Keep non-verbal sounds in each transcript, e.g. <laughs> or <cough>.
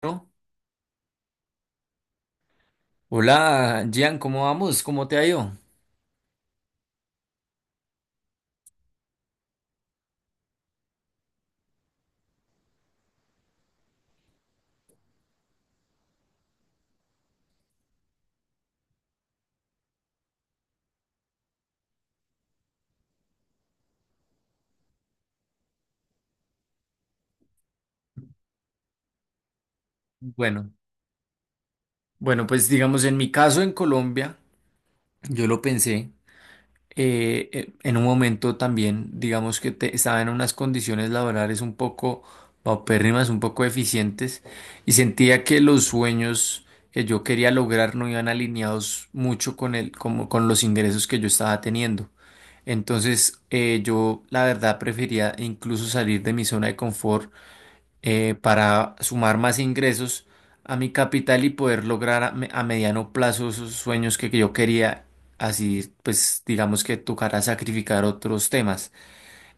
Bueno, hola, Gian, ¿cómo vamos? ¿Cómo te ha ido? Bueno, bueno, pues digamos, en mi caso en Colombia, yo lo pensé en un momento también, digamos que estaba en unas condiciones laborales un poco paupérrimas, un poco eficientes, y sentía que los sueños que yo quería lograr no iban alineados mucho con el, como, con los ingresos que yo estaba teniendo. Entonces, yo la verdad prefería incluso salir de mi zona de confort, para sumar más ingresos a mi capital y poder lograr a, a mediano plazo esos sueños que yo quería. Así, pues digamos que tocará sacrificar otros temas.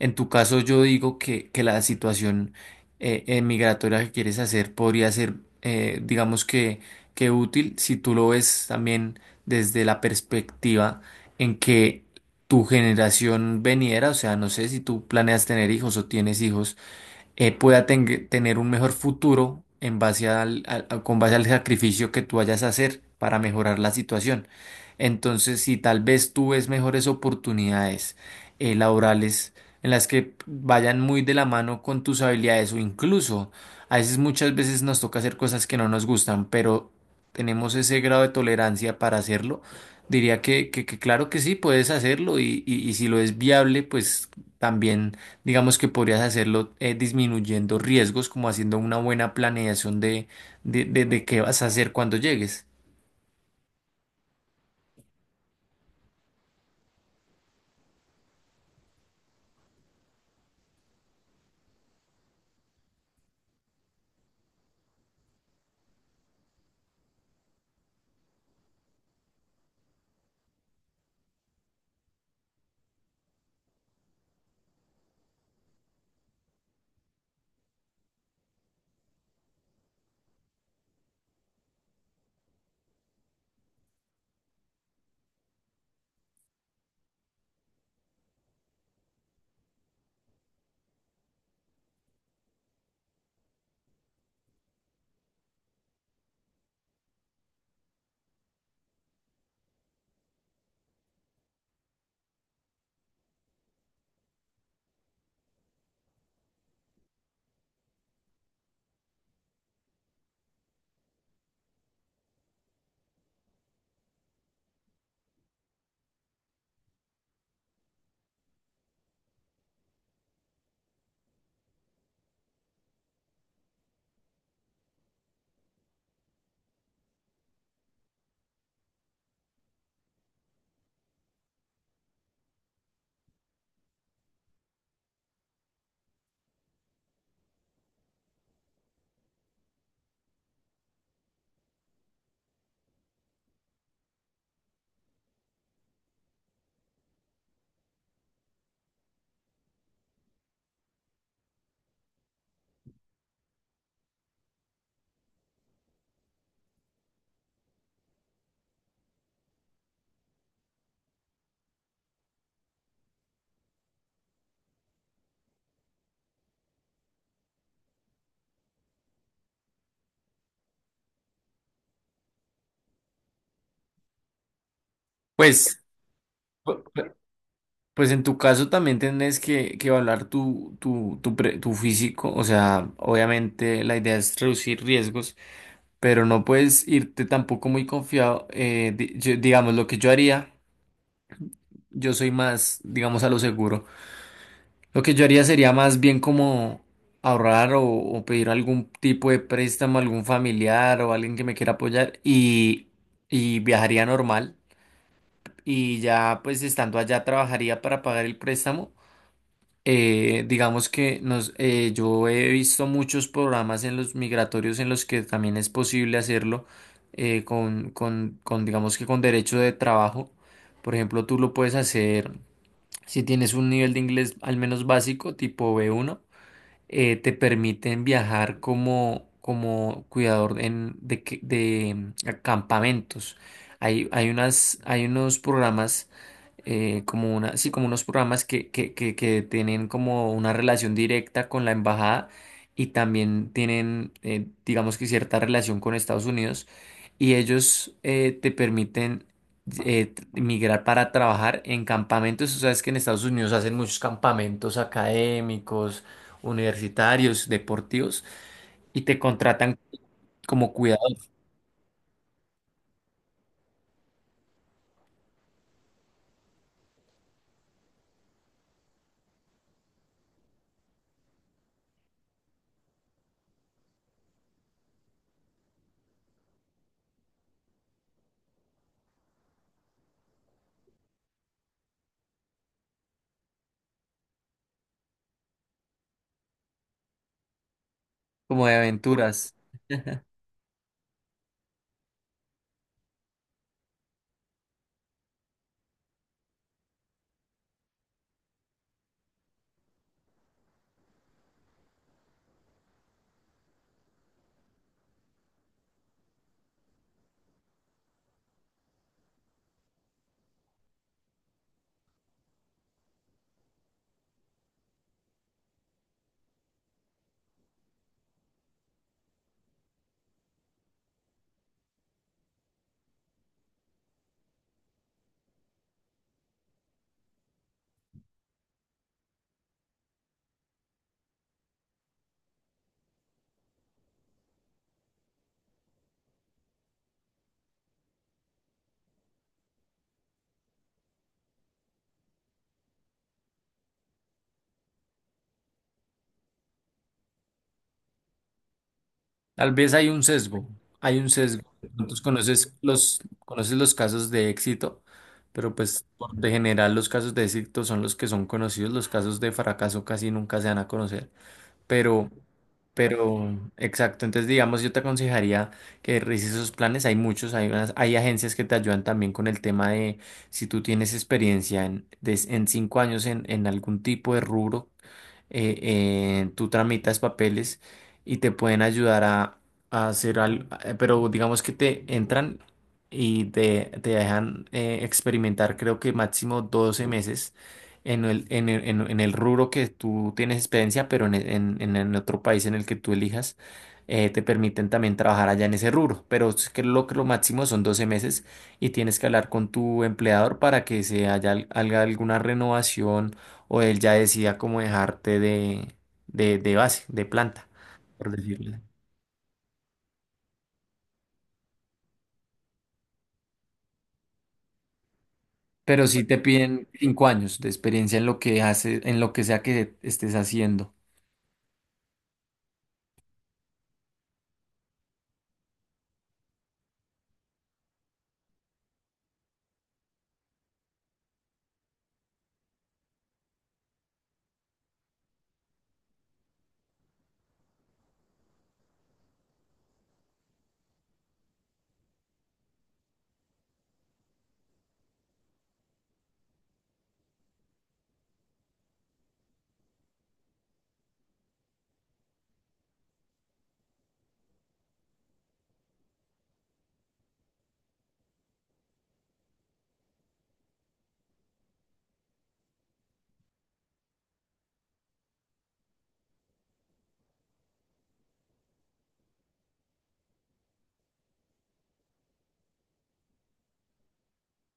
En tu caso, yo digo que la situación migratoria que quieres hacer podría ser, digamos que útil si tú lo ves también desde la perspectiva en que tu generación veniera, o sea, no sé si tú planeas tener hijos o tienes hijos, pueda tener un mejor futuro en base al, con base al sacrificio que tú vayas a hacer para mejorar la situación. Entonces, si tal vez tú ves mejores oportunidades laborales en las que vayan muy de la mano con tus habilidades, o incluso a veces muchas veces nos toca hacer cosas que no nos gustan, pero tenemos ese grado de tolerancia para hacerlo. Diría que claro que sí, puedes hacerlo y, y si lo es viable, pues también digamos que podrías hacerlo, disminuyendo riesgos, como haciendo una buena planeación de, de qué vas a hacer cuando llegues. Pues, pu- pu- pues en tu caso también tienes que evaluar tu físico. O sea, obviamente la idea es reducir riesgos, pero no puedes irte tampoco muy confiado. Digamos, lo que yo haría, yo soy más, digamos, a lo seguro. Lo que yo haría sería más bien como ahorrar o pedir algún tipo de préstamo a algún familiar o alguien que me quiera apoyar, y viajaría normal. Y ya pues estando allá trabajaría para pagar el préstamo. Digamos que nos, yo he visto muchos programas en los migratorios en los que también es posible hacerlo con digamos que con derecho de trabajo. Por ejemplo, tú lo puedes hacer si tienes un nivel de inglés al menos básico, tipo b uno. Te permiten viajar como, como cuidador de campamentos. Hay unas, hay unos programas, como una, sí, como unos programas que tienen como una relación directa con la embajada, y también tienen, digamos que cierta relación con Estados Unidos, y ellos te permiten migrar para trabajar en campamentos. Tú sabes que en Estados Unidos hacen muchos campamentos académicos, universitarios, deportivos, y te contratan como cuidador, como de aventuras. Tal vez hay un sesgo, hay un sesgo. Entonces conoces los casos de éxito, pero pues por de general los casos de éxito son los que son conocidos; los casos de fracaso casi nunca se van a conocer. Pero, exacto. Entonces, digamos, yo te aconsejaría que revises esos planes. Hay muchos, hay unas, hay agencias que te ayudan también con el tema de si tú tienes experiencia en, en 5 años en algún tipo de rubro. Tú tramitas papeles y te pueden ayudar a hacer algo, pero digamos que te entran y te dejan experimentar, creo que máximo 12 meses en el, en el rubro que tú tienes experiencia, pero en, en otro país en el que tú elijas. Te permiten también trabajar allá en ese rubro, pero es que que lo máximo son 12 meses, y tienes que hablar con tu empleador para que se haya, haga alguna renovación, o él ya decida cómo dejarte de base, de planta, por decirlo. Pero sí te piden 5 años de experiencia en lo que haces, en lo que sea que estés haciendo.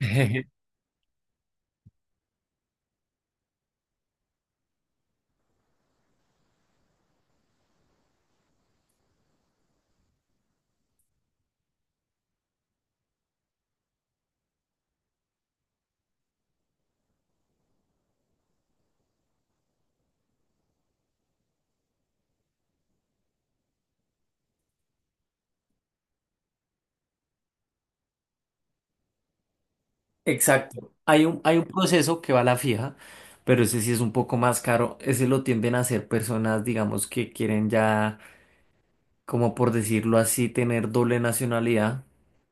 <laughs> Exacto. Hay un proceso que va a la fija, pero ese sí es un poco más caro. Ese lo tienden a hacer personas, digamos, que quieren ya, como por decirlo así, tener doble nacionalidad,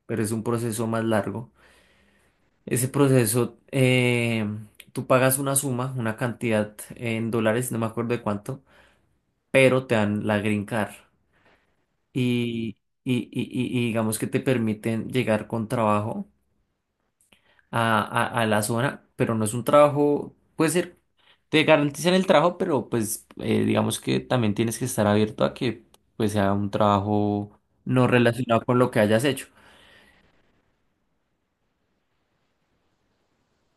pero es un proceso más largo. Ese proceso, tú pagas una suma, una cantidad en dólares, no me acuerdo de cuánto, pero te dan la green card y, y digamos que te permiten llegar con trabajo a, a la zona, pero no es un trabajo, puede ser, te garantizan el trabajo, pero pues digamos que también tienes que estar abierto a que pues sea un trabajo no relacionado con lo que hayas hecho.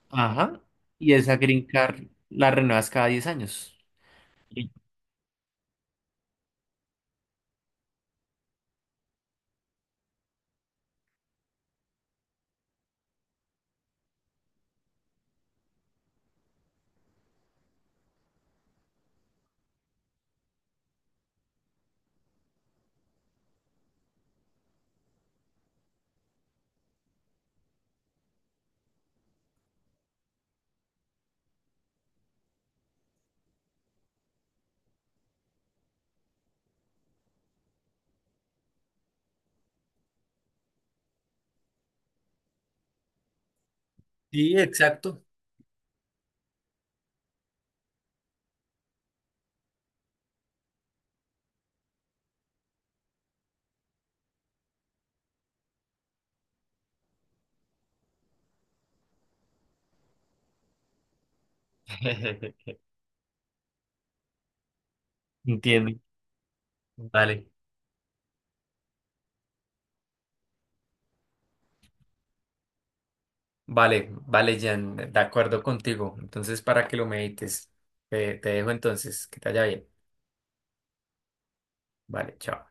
Ajá. Y esa green card la renuevas cada 10 años. Sí, exacto. <laughs> Entiendo. Vale, vale, vale, Jan, de acuerdo contigo. Entonces, para que lo medites, te dejo entonces, que te vaya bien. Vale, chao.